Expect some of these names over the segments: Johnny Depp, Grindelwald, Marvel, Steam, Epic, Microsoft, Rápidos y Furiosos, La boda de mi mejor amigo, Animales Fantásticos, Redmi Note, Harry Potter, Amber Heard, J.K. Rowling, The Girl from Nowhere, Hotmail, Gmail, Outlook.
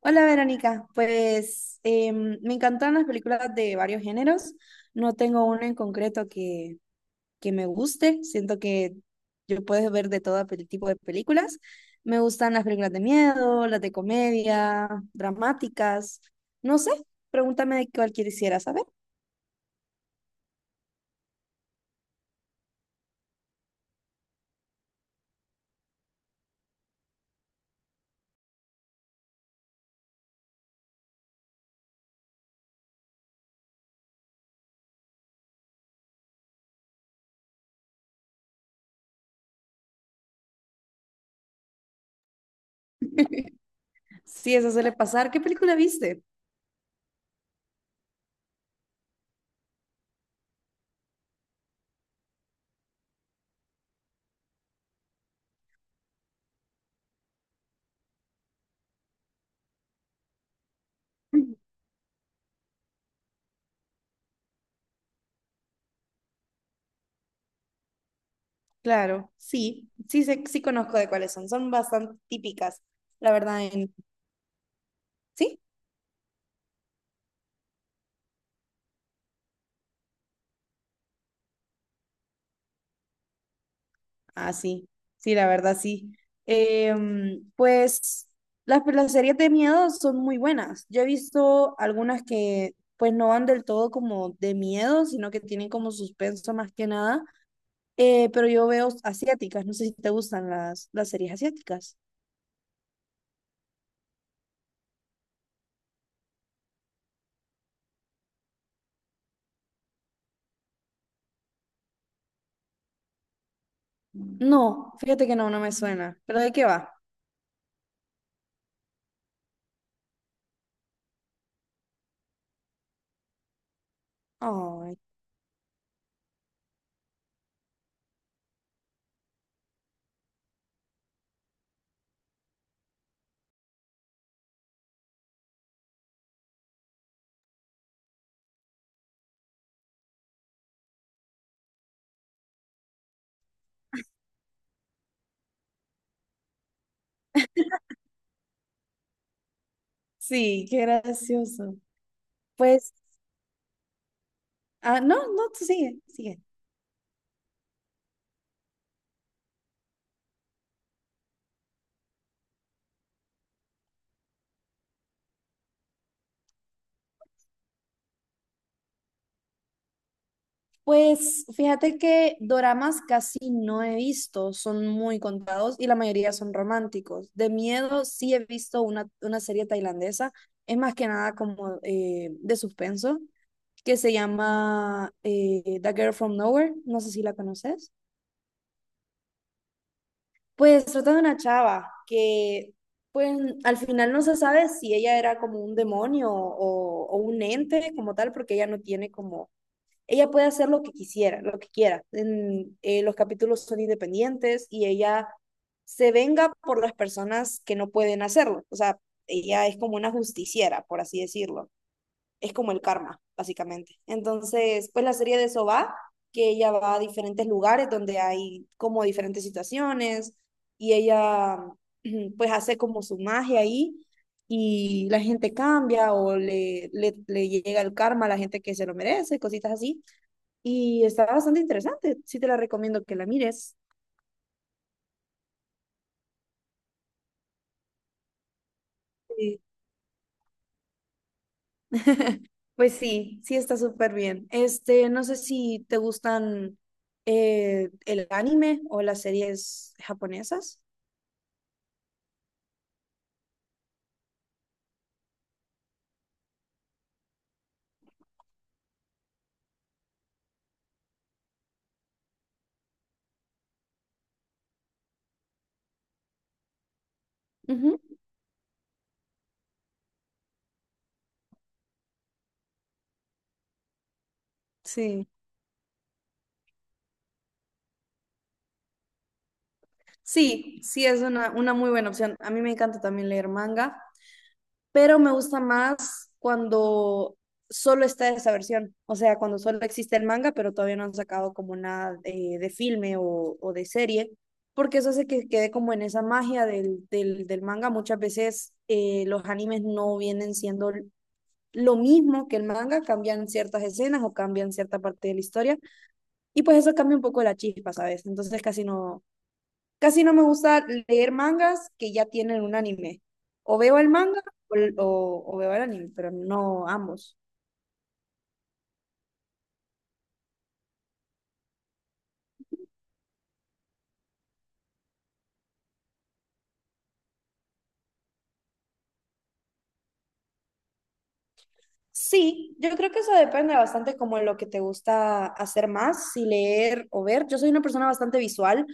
Hola Verónica, pues me encantan las películas de varios géneros. No tengo una en concreto que me guste. Siento que yo puedo ver de todo tipo de películas. Me gustan las películas de miedo, las de comedia, dramáticas. No sé, pregúntame de cuál quisiera saber. Si eso suele pasar, ¿qué película viste? Mm. Claro, sí, sí, sí conozco de cuáles son. Son bastante típicas, la verdad. ¿Sí? Ah, sí, sí, la verdad sí. Pues las series de miedo son muy buenas. Yo he visto algunas que pues no van del todo como de miedo, sino que tienen como suspenso más que nada. Pero yo veo asiáticas, no sé si te gustan las series asiáticas. No, fíjate que no, no me suena. ¿Pero de qué va? Ay, sí, qué gracioso. Pues, ah, no, no, tú sigue, sigue. Pues fíjate que doramas casi no he visto, son muy contados y la mayoría son románticos. De miedo sí he visto una serie tailandesa, es más que nada como de suspenso, que se llama The Girl from Nowhere, no sé si la conoces. Pues trata de una chava que pues al final no se sabe si ella era como un demonio o un ente como tal, porque ella no tiene como ella puede hacer lo que quisiera, lo que quiera. Los capítulos son independientes y ella se venga por las personas que no pueden hacerlo. O sea, ella es como una justiciera, por así decirlo. Es como el karma, básicamente. Entonces, pues la serie de eso va, que ella va a diferentes lugares donde hay como diferentes situaciones y ella pues hace como su magia ahí y la gente cambia o le llega el karma a la gente que se lo merece, cositas así, y está bastante interesante. Sí te la recomiendo que la mires. Sí. Pues sí, sí está súper bien. Este, no sé si te gustan el anime o las series japonesas. Ujú. Sí, sí, sí es una muy buena opción. A mí me encanta también leer manga, pero me gusta más cuando solo está esa versión, o sea, cuando solo existe el manga, pero todavía no han sacado como nada de filme o de serie, porque eso hace que quede como en esa magia del manga. Muchas veces los animes no vienen siendo lo mismo que el manga, cambian ciertas escenas o cambian cierta parte de la historia, y pues eso cambia un poco la chispa, ¿sabes? Entonces casi no, casi no me gusta leer mangas que ya tienen un anime. O veo el manga o, o veo el anime, pero no ambos. Sí, yo creo que eso depende bastante como lo que te gusta hacer más, si leer o ver. Yo soy una persona bastante visual,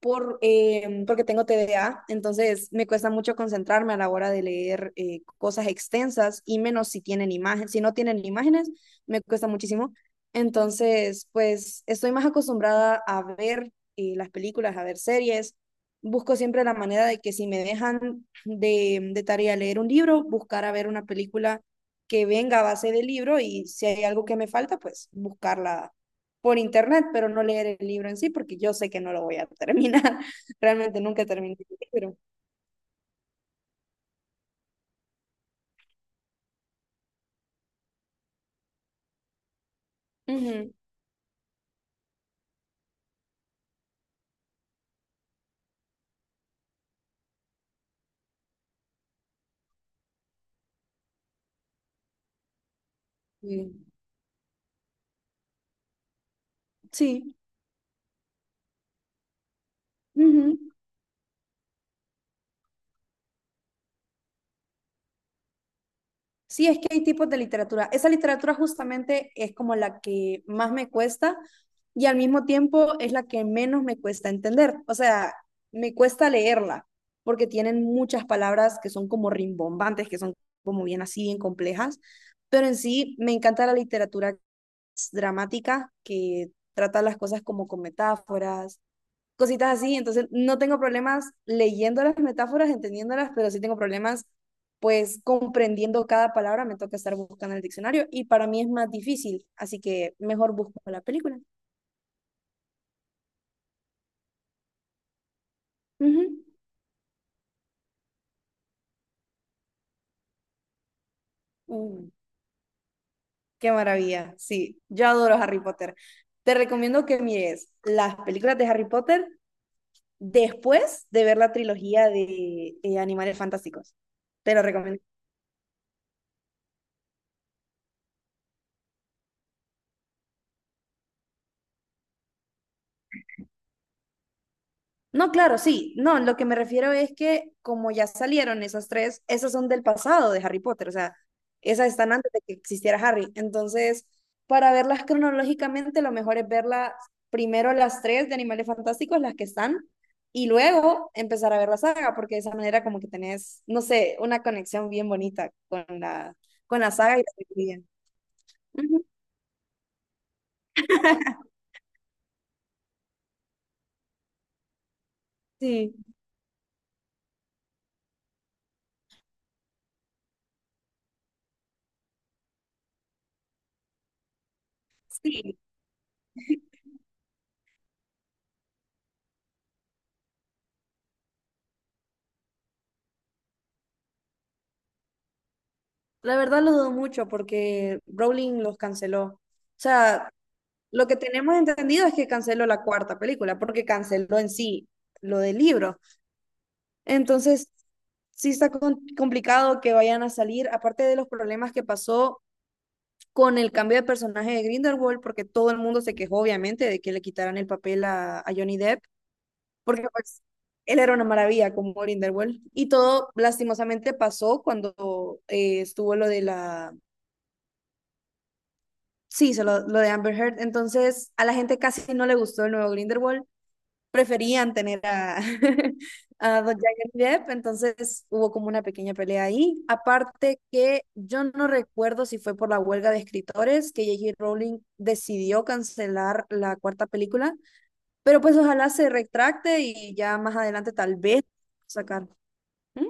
porque tengo TDA, entonces me cuesta mucho concentrarme a la hora de leer cosas extensas y menos si tienen imágenes. Si no tienen imágenes, me cuesta muchísimo. Entonces, pues estoy más acostumbrada a ver las películas, a ver series. Busco siempre la manera de que si me dejan de tarea leer un libro, buscar a ver una película que venga a base del libro y si hay algo que me falta, pues buscarla por internet, pero no leer el libro en sí, porque yo sé que no lo voy a terminar. Realmente nunca terminé el libro. Ujú. Mm. Sí. Ujú. Sí, es que hay tipos de literatura. Esa literatura justamente es como la que más me cuesta y al mismo tiempo es la que menos me cuesta entender. O sea, me cuesta leerla porque tienen muchas palabras que son como rimbombantes, que son como bien así, bien complejas, pero en sí me encanta la literatura dramáticas que tratan las cosas como con metáforas, cositas así. Entonces, no tengo problemas leyendo las metáforas, entendiéndolas, pero sí tengo problemas pues comprendiendo cada palabra, me toca estar buscando en el diccionario y para mí es más difícil, así que mejor busco la película. Ujú. Mm, qué maravilla, sí, yo adoro Harry Potter. Te recomiendo que mires las películas de Harry Potter después de ver la trilogía de Animales Fantásticos. Te lo recomiendo. No, claro, sí. No, lo que me refiero es que como ya salieron esas tres, esas son del pasado de Harry Potter, o sea, esas están antes de que existiera Harry. Entonces, para verlas cronológicamente, lo mejor es verlas primero las tres de Animales Fantásticos, las que están, y luego empezar a ver la saga, porque de esa manera como que tenés, no sé, una conexión bien bonita con la, saga y la película. Ujú. Sí, sí. La verdad lo dudo mucho porque Rowling los canceló. O sea, lo que tenemos entendido es que canceló la cuarta película, porque canceló en sí lo del libro. Entonces, sí está complicado que vayan a salir, aparte de los problemas que pasó con el cambio de personaje de Grindelwald, porque todo el mundo se quejó, obviamente, de que le quitaran el papel a Johnny Depp, porque pues él era una maravilla como Grindelwald. Y todo lastimosamente pasó cuando estuvo lo de la... Sí, lo de Amber Heard. Entonces, a la gente casi no le gustó el nuevo Grindelwald. Preferían tener a, a don Johnny Depp, entonces hubo como una pequeña pelea ahí. Aparte que yo no recuerdo si fue por la huelga de escritores que J.K. Rowling decidió cancelar la cuarta película, pero pues ojalá se retracte y ya más adelante tal vez sacar. ¿Mm?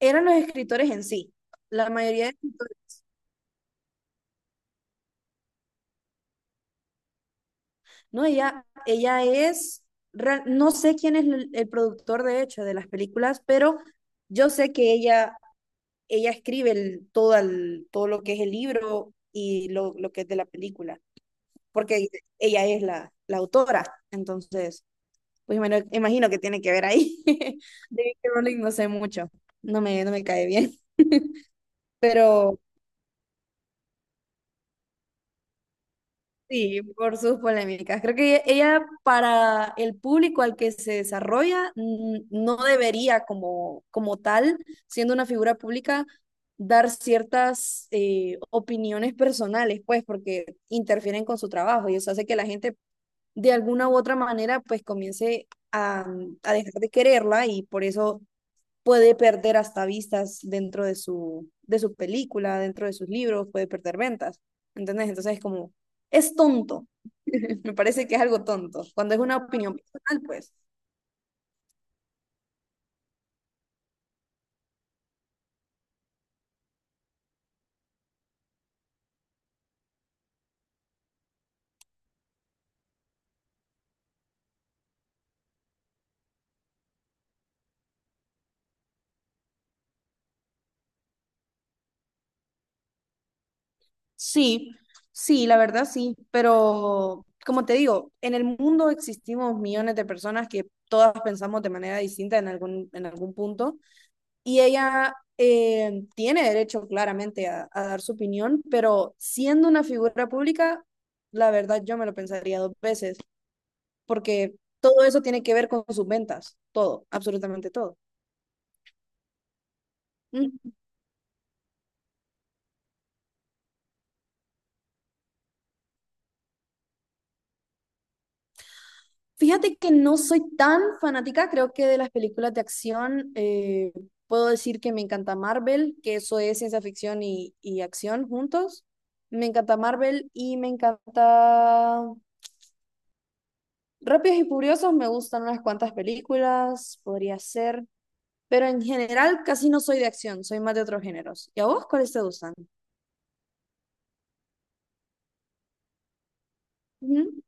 Eran los escritores en sí, la mayoría de escritores. No, ella, no sé quién es el productor de hecho de las películas, pero yo sé que ella escribe todo lo que es el libro y lo que es de la película, porque ella es la autora. Entonces, pues bueno imagino que tiene que ver ahí. David J.K. Rowling no sé mucho, no me cae bien, pero sí, por sus polémicas. Creo que ella, para el público al que se desarrolla no debería como tal, siendo una figura pública, dar ciertas opiniones personales, pues, porque interfieren con su trabajo y eso hace que la gente de alguna u otra manera pues comience a, a dejar de quererla y por eso puede perder hasta vistas dentro de su película, dentro de sus libros, puede perder ventas. ¿Entendés? Entonces es como, es tonto. Me parece que es algo tonto. Cuando es una opinión personal, pues sí, sí, la verdad sí, pero como te digo, en el mundo existimos millones de personas que todas pensamos de manera distinta en algún punto y ella tiene derecho claramente a dar su opinión, pero siendo una figura pública, la verdad yo me lo pensaría dos veces, porque todo eso tiene que ver con sus ventas, todo, absolutamente todo. Mm. Fíjate que no soy tan fanática, creo que de las películas de acción puedo decir que me encanta Marvel, que eso es ciencia ficción y acción juntos. Me encanta Marvel y me encanta Rápidos y Furiosos, me gustan unas cuantas películas, podría ser, pero en general casi no soy de acción, soy más de otros géneros. ¿Y a vos cuáles te gustan? Ujú.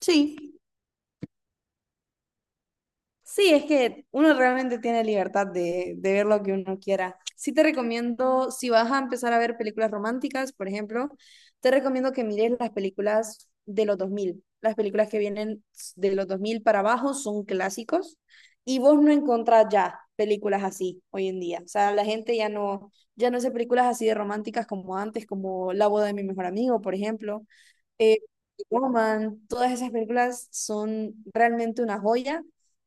Sí. Sí, es que uno realmente tiene libertad de ver lo que uno quiera. Sí te recomiendo, si vas a empezar a ver películas románticas, por ejemplo, te recomiendo que mires las películas de los dos mil. Las películas que vienen de los 2000 para abajo son clásicos y vos no encontrás ya películas así hoy en día. O sea, la gente ya no hace películas así de románticas como antes, como La boda de mi mejor amigo, por ejemplo. Eh, Woman, todas esas películas son realmente una joya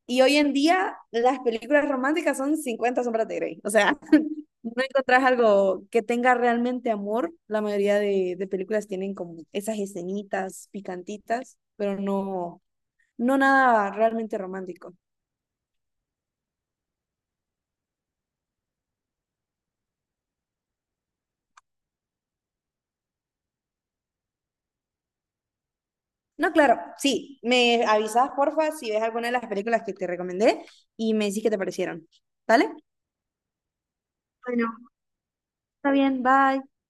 y hoy en día las películas románticas son Cincuenta sombras de Grey. O sea, no encontrás algo que tenga realmente amor. La mayoría de películas tienen como esas escenitas picantitas, pero no, no nada realmente romántico. No, claro, sí, me avisas porfa si ves alguna de las películas que te recomendé y me decís qué te parecieron. ¿Vale? Bueno, está bien, bye.